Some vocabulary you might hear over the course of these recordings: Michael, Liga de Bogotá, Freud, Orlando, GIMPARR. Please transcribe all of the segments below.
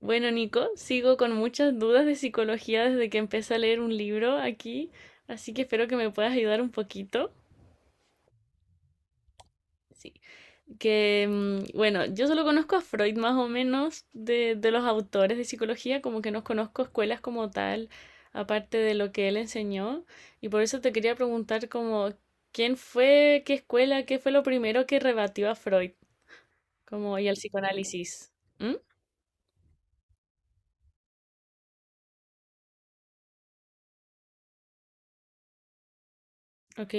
Bueno, Nico, sigo con muchas dudas de psicología desde que empecé a leer un libro aquí, así que espero que me puedas ayudar un poquito. Sí. Que, bueno, yo solo conozco a Freud más o menos de los autores de psicología, como que no conozco escuelas como tal, aparte de lo que él enseñó, y por eso te quería preguntar como, ¿quién fue, qué escuela, qué fue lo primero que rebatió a Freud, como y al psicoanálisis? ¿Mm? ¿Ok?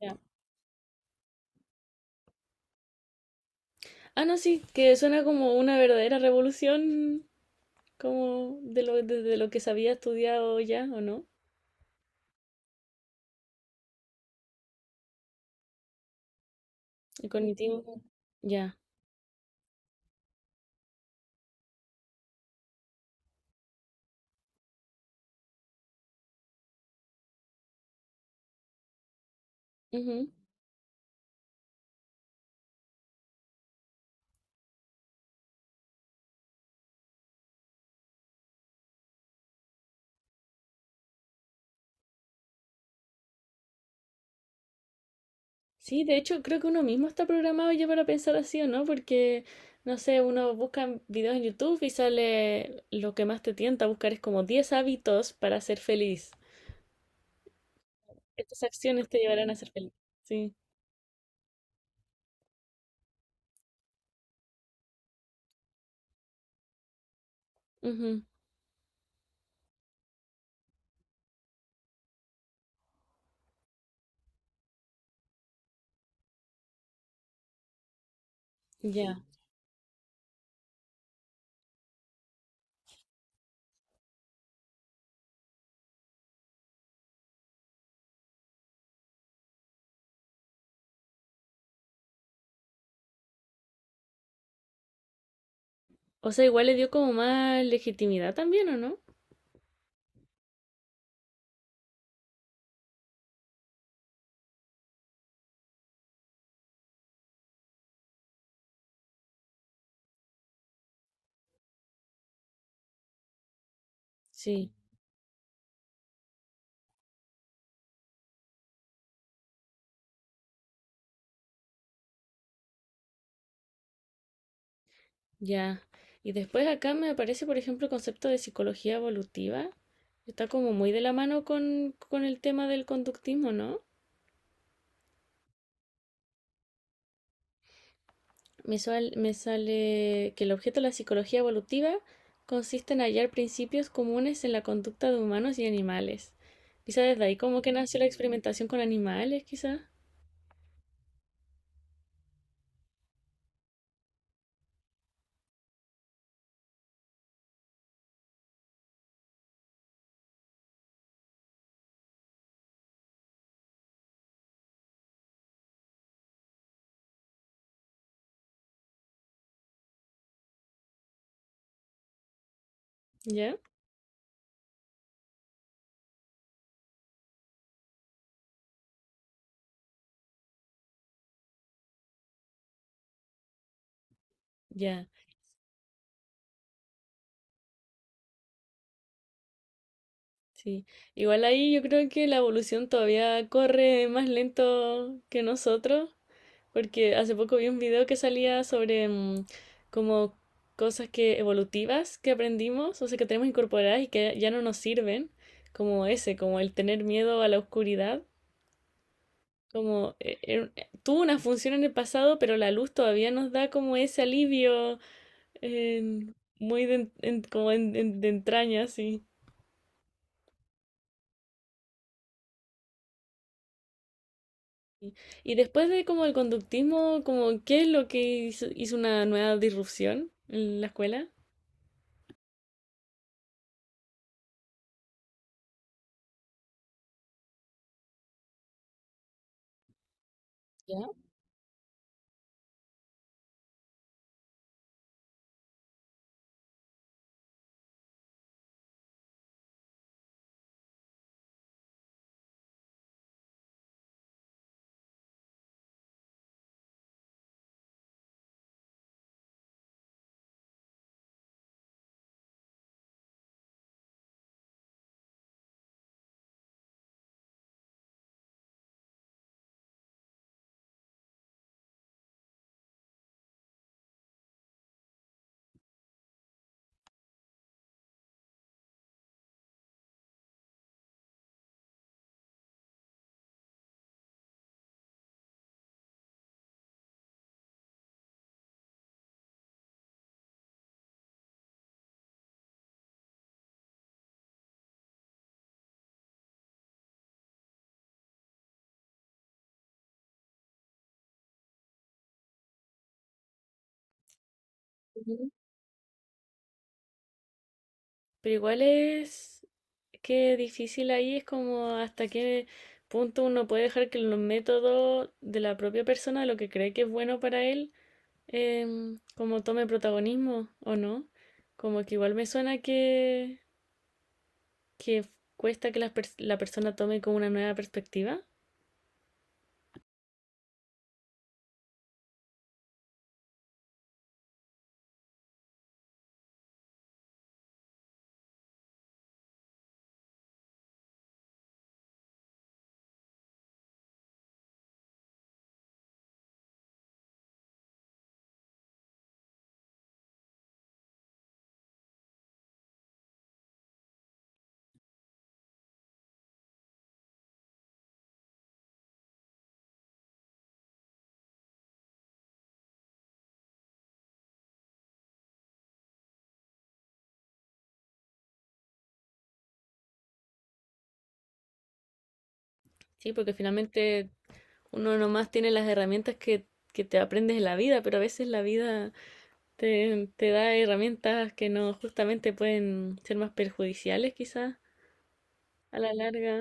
Ya. Ah, no, sí, que suena como una verdadera revolución, como de desde lo que se había estudiado ya, ¿o no? El cognitivo. Ujú. Ya. Ujú. Sí, de hecho, creo que uno mismo está programado ya para pensar así, ¿o no? Porque, no sé, uno busca videos en YouTube y sale lo que más te tienta a buscar es como 10 hábitos para ser feliz. Estas acciones te llevarán a ser feliz. Sí. Ujú. Ya. O sea, igual le dio como más legitimidad también, ¿o no? Sí. Ya. Y después acá me aparece, por ejemplo, el concepto de psicología evolutiva. Está como muy de la mano con el tema del conductismo, ¿no? Me sale que el objeto de la psicología evolutiva consiste en hallar principios comunes en la conducta de humanos y animales. Quizá desde ahí como que nació la experimentación con animales, quizá. ¿Ya? Ya, sí. Igual ahí yo creo que la evolución todavía corre más lento que nosotros. Porque hace poco vi un video que salía sobre como cosas que evolutivas que aprendimos, o sea, que tenemos incorporadas y que ya no nos sirven, como ese, como el tener miedo a la oscuridad, como tuvo una función en el pasado, pero la luz todavía nos da como ese alivio en- muy de, en- como en- de entraña, sí. Y después de como el conductismo, como, ¿qué es lo que hizo una nueva disrupción en la escuela? Ya. Pero igual es que difícil ahí, es como hasta qué punto uno puede dejar que los métodos de la propia persona, lo que cree que es bueno para él, como tome protagonismo o no. Como que igual me suena que cuesta que la persona tome como una nueva perspectiva. Sí, porque finalmente uno nomás tiene las herramientas que te aprendes en la vida, pero a veces la vida te da herramientas que no justamente pueden ser más perjudiciales quizás. A la larga,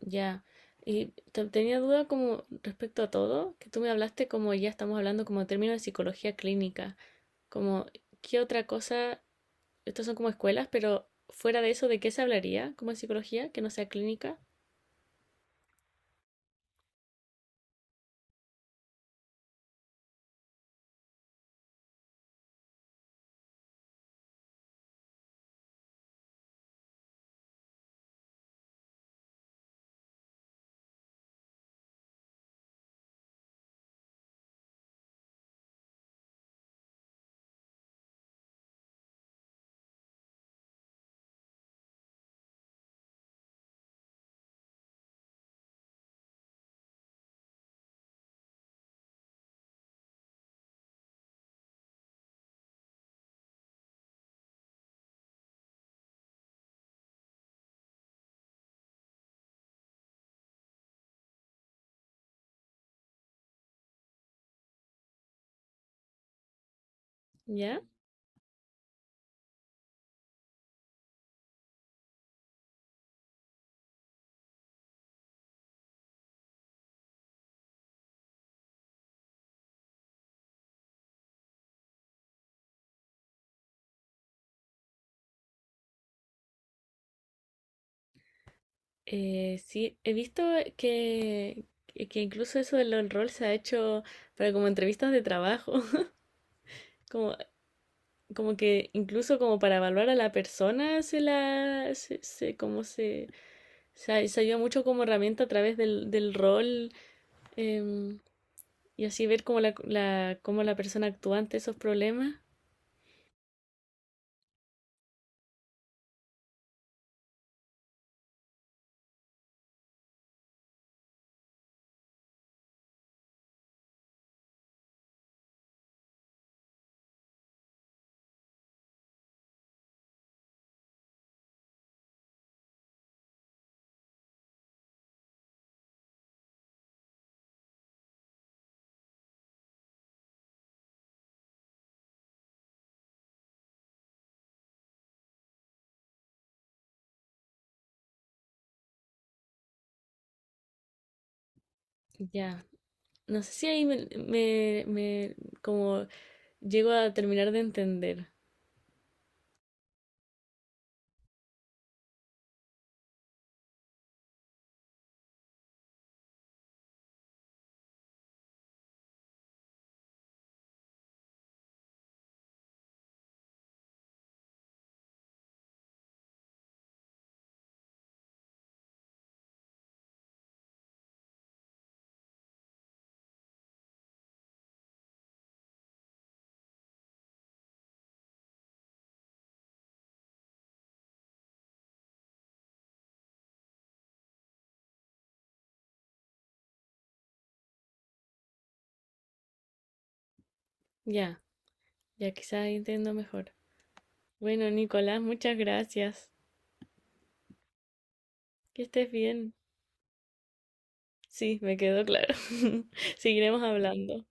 ya. Y tenía duda como respecto a todo, que tú me hablaste como ya estamos hablando como en términos de psicología clínica, como qué otra cosa, estas son como escuelas, pero fuera de eso, ¿de qué se hablaría como en psicología que no sea clínica? ¿Ya? Sí, he visto que, que que incluso eso del rol se ha hecho para como entrevistas de trabajo, como, como que incluso como para evaluar a la persona se... se ayuda mucho como herramienta a través del rol em, y así ver cómo cómo la persona actúa ante esos problemas. Ya, yeah. No sé si ahí como llego a terminar de entender. Ya, yeah. Ya quizás ahí entiendo mejor. Bueno, Nicolás, muchas gracias. Que estés bien. Sí, me quedó claro. Seguiremos hablando.